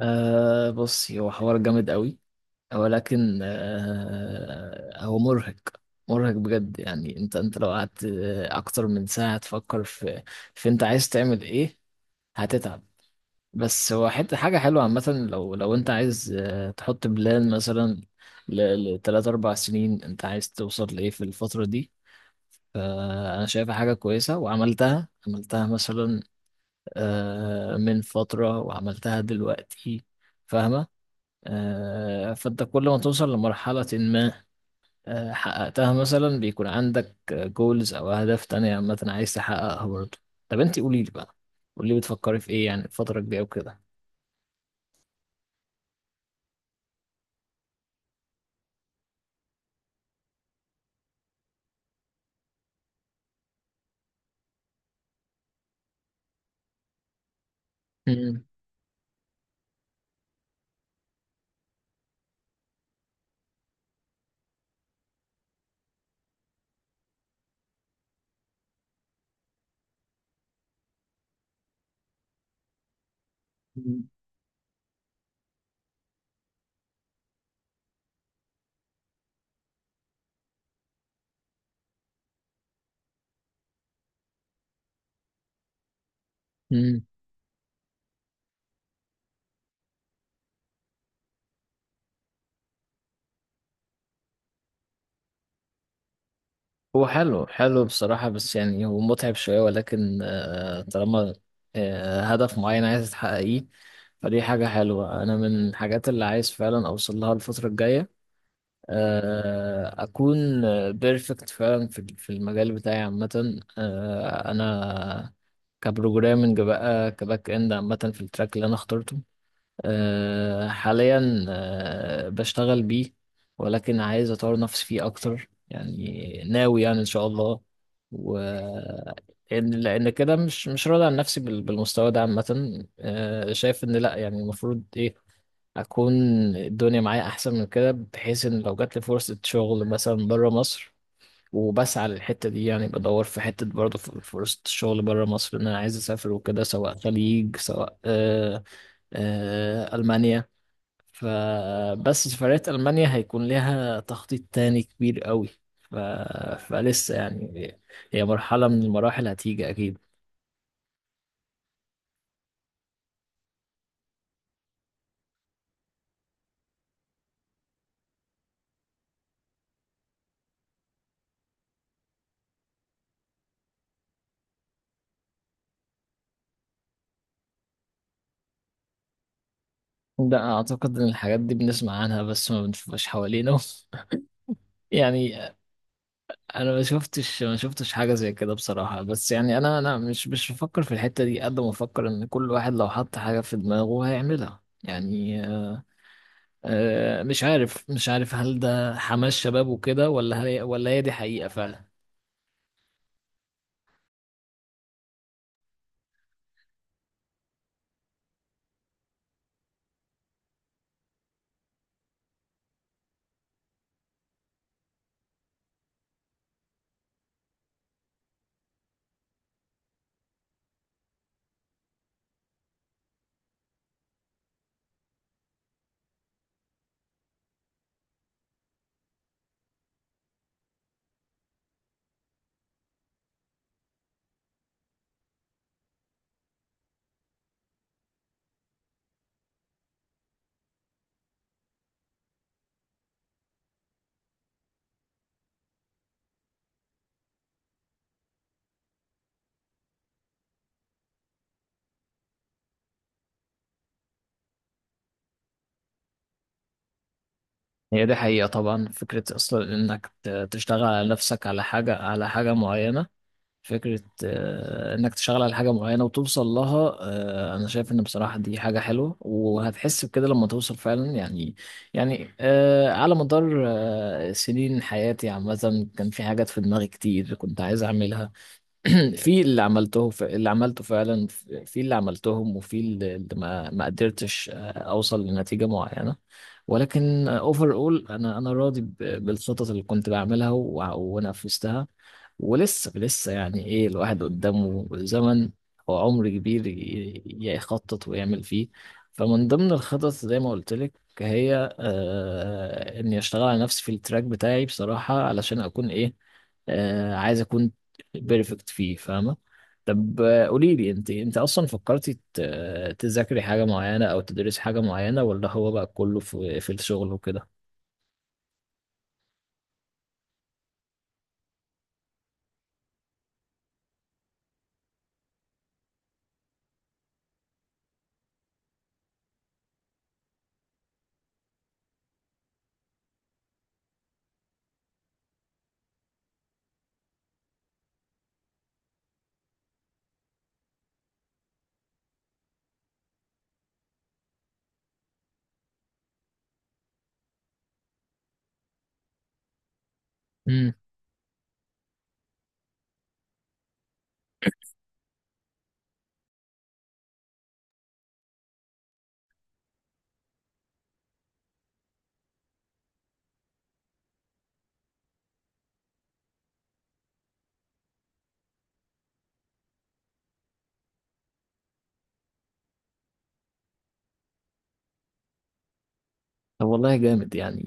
بصي هو حوار جامد قوي، ولكن هو مرهق، مرهق بجد. يعني انت لو قعدت اكتر من ساعة تفكر في انت عايز تعمل ايه هتتعب. بس هو حتة حاجة حلوة عامة، لو انت عايز تحط بلان مثلا لثلاث اربع سنين انت عايز توصل لايه في الفترة دي. فأنا شايفها حاجة كويسة، وعملتها مثلا من فترة، وعملتها دلوقتي. فاهمة؟ فانت كل ما توصل لمرحلة ما حققتها، مثلا بيكون عندك جولز او اهداف تانية عامة عايز تحققها برضه. طب انت قولي لي بقى، قولي لي بتفكري في ايه يعني الفترة الجاية وكده. مم. مم. مم. هو حلو، حلو بصراحة، بس يعني هو متعب شوية، ولكن طالما هدف معين عايز تحققيه فدي حاجة حلوة. أنا من الحاجات اللي عايز فعلا أوصل لها الفترة الجاية اكون بيرفكت فعلا في المجال بتاعي عامه. انا كبروجرامنج بقى، كباك اند عامه، في التراك اللي انا اخترته حاليا بشتغل بيه، ولكن عايز اطور نفسي فيه اكتر. يعني ناوي يعني ان شاء الله، و لأن كده مش راضي عن نفسي بالمستوى ده عامه. شايف ان لا، يعني المفروض ايه اكون الدنيا معايا احسن من كده، بحيث ان لو جات لي فرصه شغل مثلا بره مصر. وبسعى للحته دي، يعني بدور في حته برضه في فرصه الشغل بره مصر، ان انا عايز اسافر وكده، سواء خليج سواء المانيا. فبس سفرية المانيا هيكون لها تخطيط تاني كبير قوي، ف... فلسه يعني، هي مرحله من المراحل هتيجي اكيد. ده اعتقد ان الحاجات دي بنسمع عنها بس ما بنشوفهاش حوالينا. يعني انا ما شفتش حاجه زي كده بصراحه، بس يعني انا مش بفكر في الحته دي قد ما بفكر ان كل واحد لو حط حاجه في دماغه هيعملها. يعني مش عارف هل ده حماس شباب وكده، ولا هي دي حقيقه فعلا. هي دي حقيقه طبعا، فكره اصلا انك تشتغل على نفسك، على حاجه معينه. فكرة إنك تشتغل على حاجة معينة وتوصل لها أنا شايف إن بصراحة دي حاجة حلوة، وهتحس بكده لما توصل فعلا يعني على مدار سنين حياتي عامة كان في حاجات في دماغي كتير كنت عايز أعملها. في اللي عملته، اللي عملته فعلا، في اللي عملتهم، وفي اللي ما قدرتش اوصل لنتيجة معينة. ولكن اوفر اول انا راضي بالخطط اللي كنت بعملها ونفذتها. ولسه يعني ايه، الواحد قدامه زمن وعمر كبير يخطط ويعمل فيه. فمن ضمن الخطط زي ما قلت لك، هي اني اشتغل على نفسي في التراك بتاعي بصراحة، علشان اكون ايه، عايز اكون بيرفكت فيه. فاهمة؟ طب قولي لي، انت اصلا فكرتي تذاكري حاجة معينة او تدرسي حاجة معينة، ولا هو بقى كله في الشغل وكده؟ امم. طب والله جامد يعني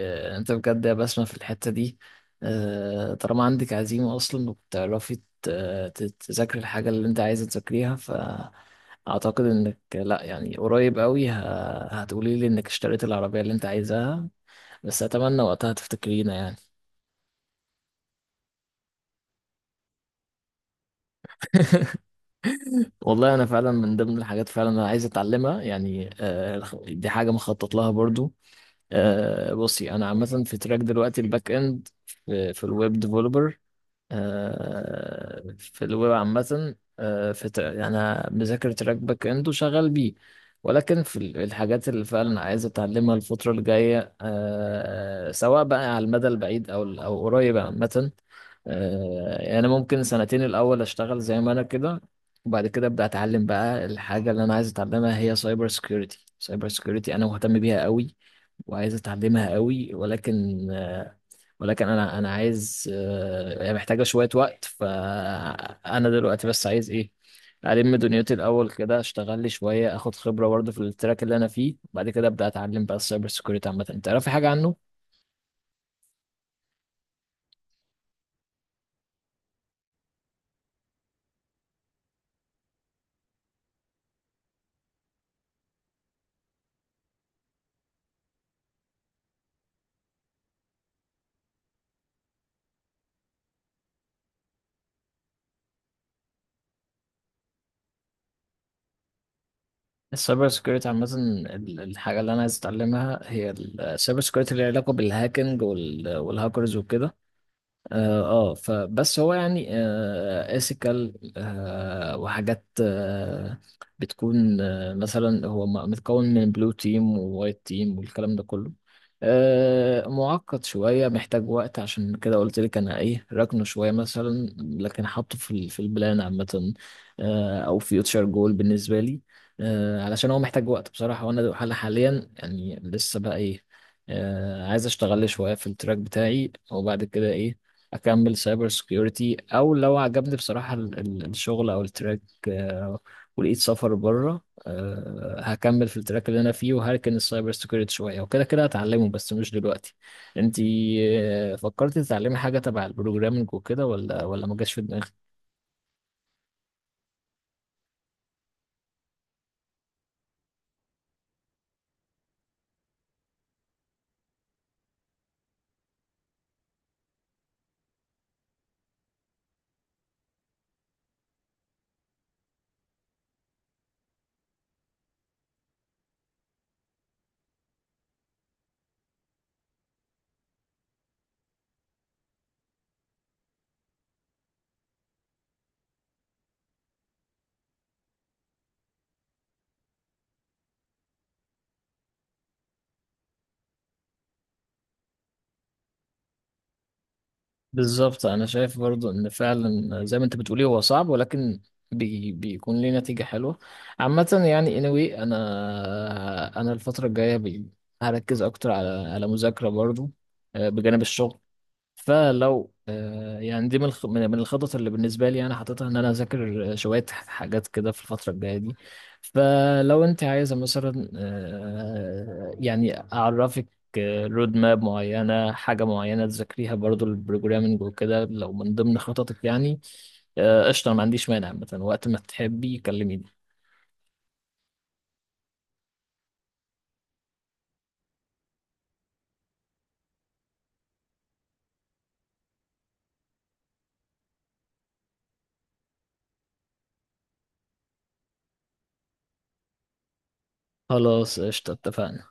انت بجد يا بسمة في الحتة دي. طالما عندك عزيمة اصلا، وبتعرفي تذاكري الحاجة اللي انت عايزة تذاكريها، فاعتقد انك لا، يعني قريب قوي هتقولي لي انك اشتريت العربية اللي انت عايزاها، بس اتمنى وقتها تفتكرينا يعني. والله انا فعلا من ضمن الحاجات فعلا انا عايز اتعلمها يعني، دي حاجه مخطط لها برضو. بصي انا عامه في تراك دلوقتي الباك اند، في الويب ديفلوبر، في الويب عامة، يعني أنا مذاكر تراك باك إند، وشغال بيه. ولكن في الحاجات اللي فعلا عايز أتعلمها الفترة الجاية سواء بقى على المدى البعيد أو أو قريب عامة، يعني ممكن سنتين الأول أشتغل زي ما أنا كده، وبعد كده أبدأ أتعلم بقى الحاجة اللي أنا عايز أتعلمها، هي سايبر سيكيورتي. سايبر سيكيورتي أنا مهتم بيها قوي، وعايز أتعلمها قوي، ولكن انا عايز هي محتاجه شويه وقت. فانا دلوقتي بس عايز ايه، الم دنيتي الاول كده، اشتغل لي شويه، اخد خبره برضه في التراك اللي انا فيه، وبعد كده ابدا اتعلم بقى السايبر سيكيورتي عامه. انت تعرفي حاجه عنه؟ السايبر سيكيورتي عامه، الحاجه اللي انا عايز اتعلمها هي السايبر سيكيورتي اللي لها علاقه بالهاكينج والهاكرز وكده. فبس هو يعني اسيكال وحاجات بتكون مثلا، هو متكون من بلو تيم ووايت تيم والكلام ده كله. معقد شوية، محتاج وقت، عشان كده قلت لك انا ايه راكنه شوية مثلا، لكن حاطه في البلان عامة او فيوتشر جول بالنسبة لي، علشان هو محتاج وقت بصراحة. وانا حاليا يعني لسه بقى ايه، عايز اشتغل لي شوية في التراك بتاعي، وبعد كده ايه، اكمل سايبر سكيورتي، او لو عجبني بصراحة الشغل او التراك آه، ولقيت سفر بره هكمل في التراك اللي انا فيه، وهركن السايبر سكيورتي شوية، وكده كده هتعلمه بس مش دلوقتي. انتي فكرتي تتعلمي حاجة تبع البروجرامنج وكده، ولا ما جاش في دماغك؟ بالظبط انا شايف برضو ان فعلا زي ما انت بتقولي هو صعب، ولكن بيكون ليه نتيجة حلوة عامة. يعني anyway انا الفترة الجاية هركز اكتر على مذاكرة برضو بجانب الشغل. فلو يعني دي من الخطط اللي بالنسبه لي انا حاططها، ان انا اذاكر شويه حاجات كده في الفتره الجايه دي. فلو انت عايزه مثلا يعني اعرفك رود ماب معينه، حاجه معينه تذاكريها برضو البروجرامنج وكده، لو من ضمن خططك يعني قشطه، ما عنديش مانع. مثلا وقت ما تحبي كلميني. خلاص قشطه، اتفقنا.